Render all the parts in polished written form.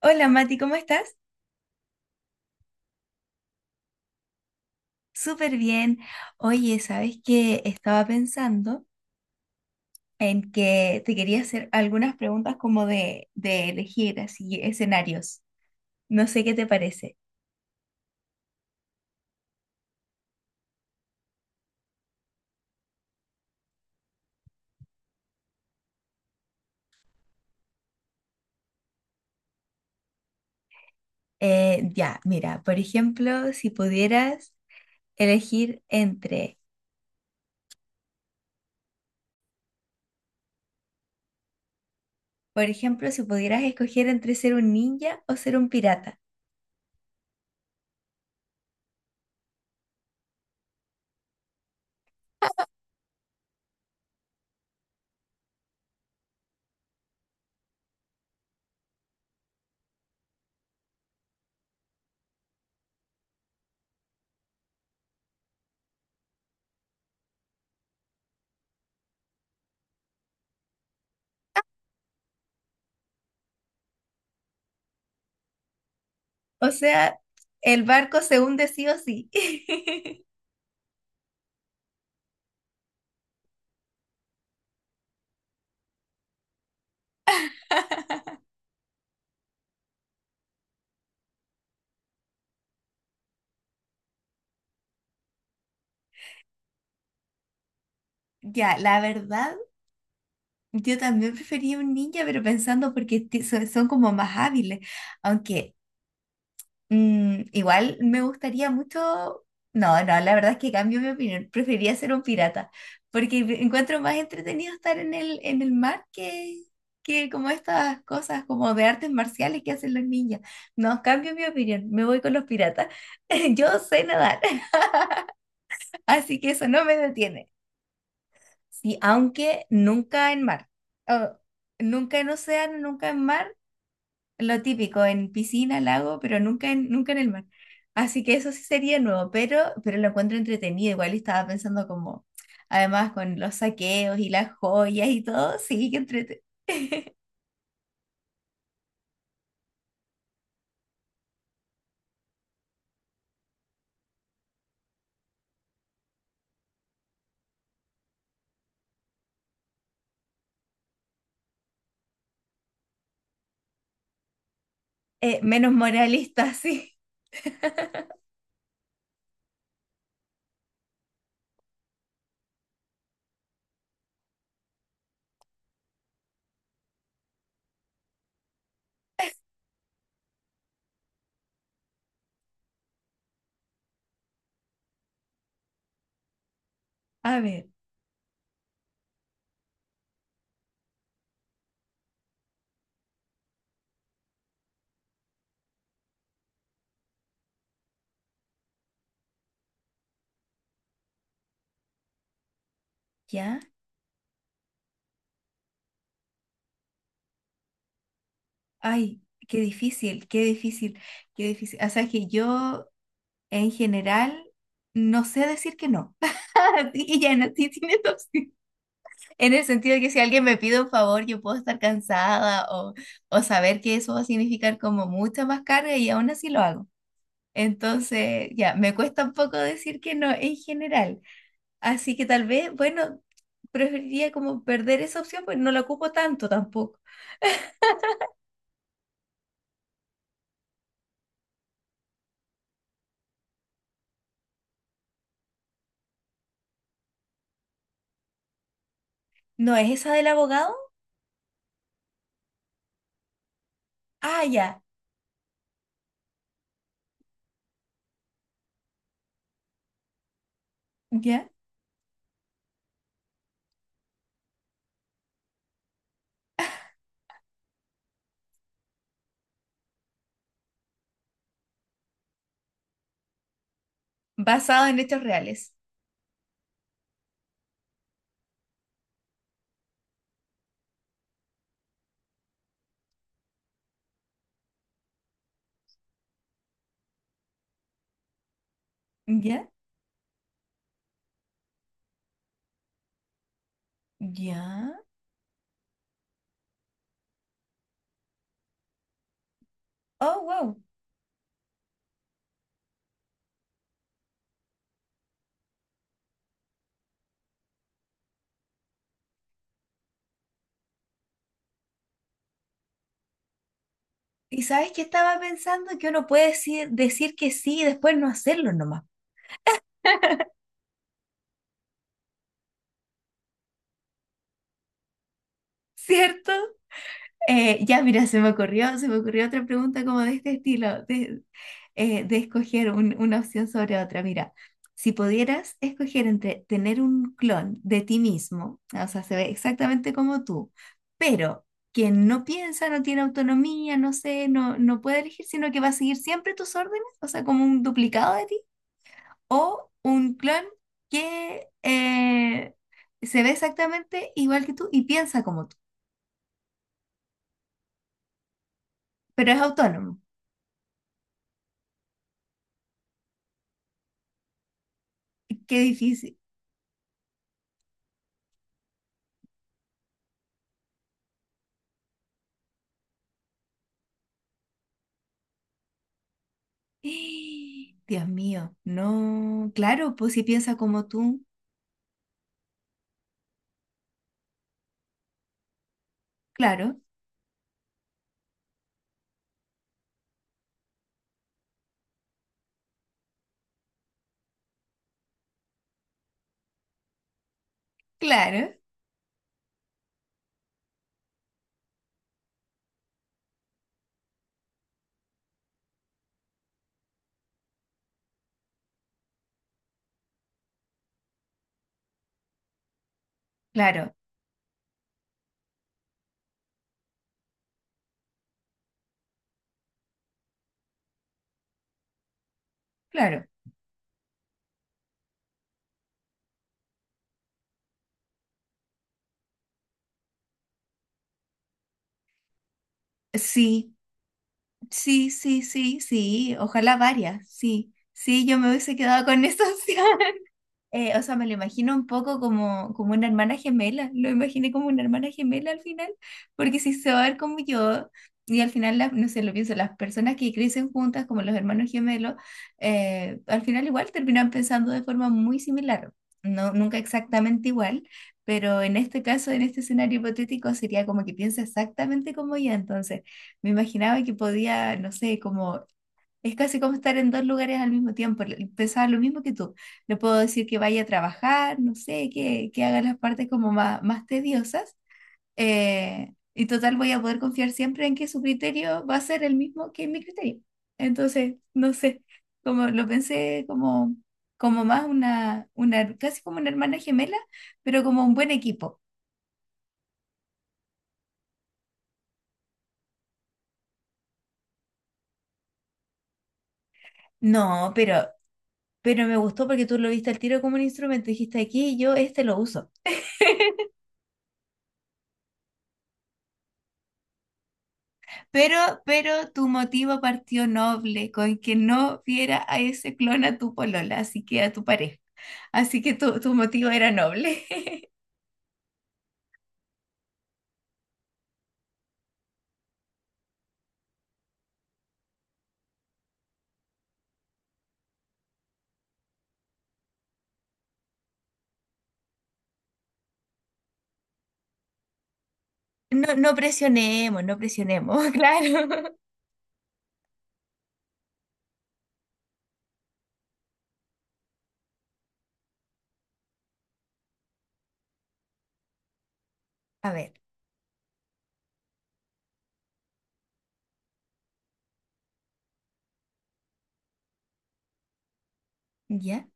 Hola Mati, ¿cómo estás? Súper bien. Oye, ¿sabes qué? Estaba pensando en que te quería hacer algunas preguntas como de elegir así escenarios. No sé qué te parece. Ya, mira, por ejemplo, si pudieras elegir entre, por ejemplo, si pudieras escoger entre ser un ninja o ser un pirata. O sea, el barco se hunde sí o sí. Ya, la verdad. Yo también prefería un ninja, pero pensando porque son como más hábiles. Aunque igual me gustaría mucho. No, no, la verdad es que cambio mi opinión. Prefería ser un pirata. Porque encuentro más entretenido estar en en el mar, que como estas cosas como de artes marciales que hacen los ninjas. No, cambio mi opinión. Me voy con los piratas. Yo sé nadar, así que eso no me detiene. Sí, aunque nunca en mar. Oh, Nunca en océano, nunca en mar. Lo típico, en piscina, lago, pero nunca en el mar. Así que eso sí sería nuevo, pero lo encuentro entretenido. Igual estaba pensando como, además con los saqueos y las joyas y todo, sí, que entrete. Menos moralista, sí. A ver, ¿ya? Ay, qué difícil, qué difícil, qué difícil. O sea, es que yo en general no sé decir que no. Y ya no, sí, tienes. En el sentido de que si alguien me pide un favor, yo puedo estar cansada, o saber que eso va a significar como mucha más carga y aún así lo hago. Entonces, ya, me cuesta un poco decir que no en general. Así que tal vez, bueno, preferiría como perder esa opción, pues no la ocupo tanto tampoco. ¿No es esa del abogado? Ah, ya, ya. Basado en hechos reales. Ya, ya. Oh, wow. Y sabes que estaba pensando que uno puede decir que sí y después no hacerlo nomás. ¿Cierto? Ya, mira, se me ocurrió otra pregunta como de este estilo, de escoger una opción sobre otra. Mira, si pudieras escoger entre tener un clon de ti mismo, o sea, se ve exactamente como tú, pero que no piensa, no tiene autonomía, no sé, no puede elegir, sino que va a seguir siempre tus órdenes, o sea, como un duplicado de ti, o un clon que se ve exactamente igual que tú y piensa como tú, pero es autónomo. Qué difícil. Dios mío, no, claro, pues si piensa como tú, claro, claro, claro, claro. Sí, sí, sí, sí, sí, ojalá varias, sí, sí, yo me hubiese quedado con esas. O sea, me lo imagino un poco como una hermana gemela, lo imaginé como una hermana gemela al final, porque si se va a ver como yo, y al final, no sé, lo pienso, las personas que crecen juntas como los hermanos gemelos, al final igual terminan pensando de forma muy similar, no, nunca exactamente igual, pero en este caso, en este escenario hipotético, sería como que piensa exactamente como ella, entonces me imaginaba que podía, no sé, como es casi como estar en dos lugares al mismo tiempo. Pensaba lo mismo que tú. Le puedo decir que vaya a trabajar, no sé, que haga las partes como más, más tediosas. Y total, voy a poder confiar siempre en que su criterio va a ser el mismo que mi criterio. Entonces, no sé, como lo pensé como, como más una, casi como una hermana gemela, pero como un buen equipo. No, pero me gustó porque tú lo viste al tiro como un instrumento. Dijiste aquí, yo este lo uso. Pero, pero tu motivo partió noble, con que no viera a ese clon a tu polola, así que a tu pareja. Así que tu motivo era noble. No, no presionemos, no presionemos, claro. A ver, ¿ya?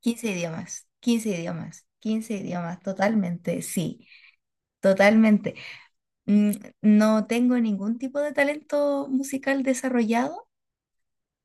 15 idiomas, 15 idiomas, 15 idiomas, totalmente, sí, totalmente. Mm, no tengo ningún tipo de talento musical desarrollado,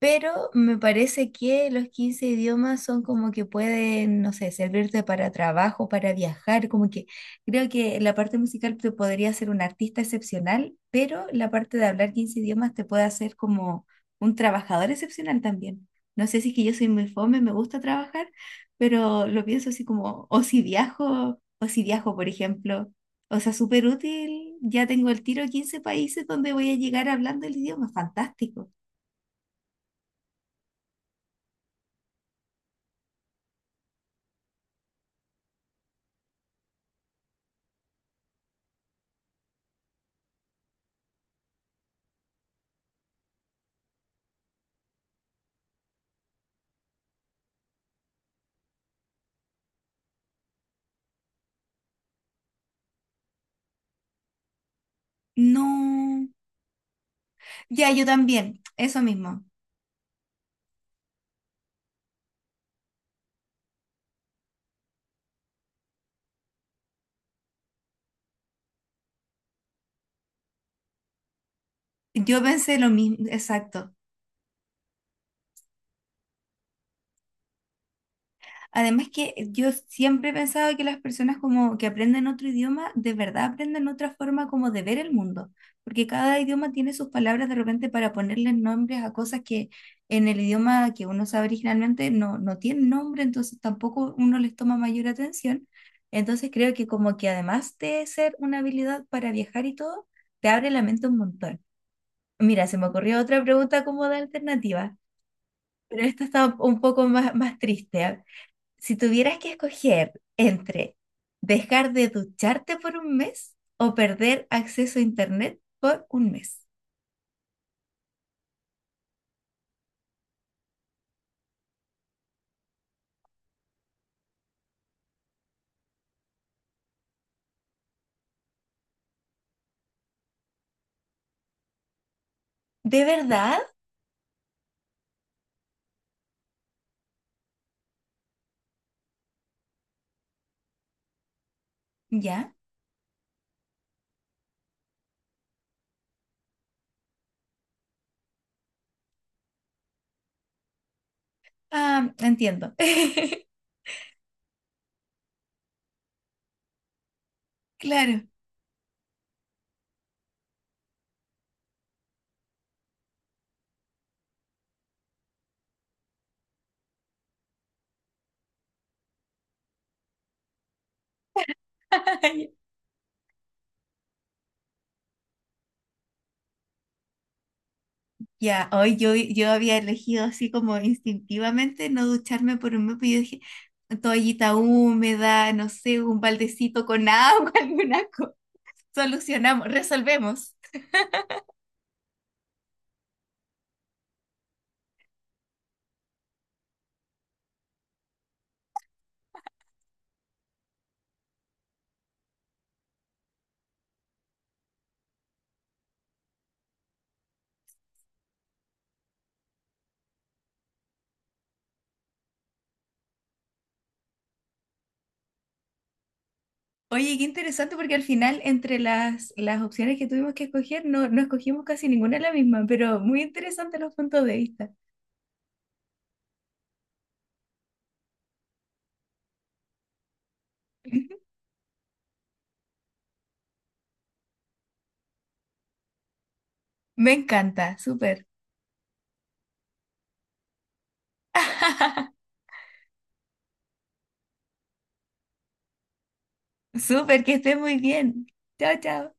pero me parece que los 15 idiomas son como que pueden, no sé, servirte para trabajo, para viajar, como que creo que la parte musical te podría hacer un artista excepcional, pero la parte de hablar 15 idiomas te puede hacer como un trabajador excepcional también. No sé si es que yo soy muy fome, me gusta trabajar, pero lo pienso así como, o si viajo, por ejemplo. O sea, súper útil, ya tengo el tiro a 15 países donde voy a llegar hablando el idioma, fantástico. No. Ya, yo también, eso mismo. Yo pensé lo mismo, exacto. Además que yo siempre he pensado que las personas como que aprenden otro idioma, de verdad aprenden otra forma como de ver el mundo, porque cada idioma tiene sus palabras de repente para ponerles nombres a cosas que en el idioma que uno sabe originalmente no tienen nombre, entonces tampoco uno les toma mayor atención. Entonces creo que como que además de ser una habilidad para viajar y todo, te abre la mente un montón. Mira, se me ocurrió otra pregunta como de alternativa. Pero esta está un poco más, más triste, ¿ah? Si tuvieras que escoger entre dejar de ducharte por un mes o perder acceso a internet por un mes. ¿De verdad? Ya. Ah, entiendo. Claro. Ya, hoy yo había elegido así como instintivamente no ducharme por un mes, pero yo dije, toallita húmeda, no sé, un baldecito con agua, alguna cosa. Solucionamos, resolvemos. Oye, qué interesante porque al final entre las opciones que tuvimos que escoger no escogimos casi ninguna la misma, pero muy interesante los puntos de vista. Me encanta, súper. Súper, que estés muy bien. Chao, chao.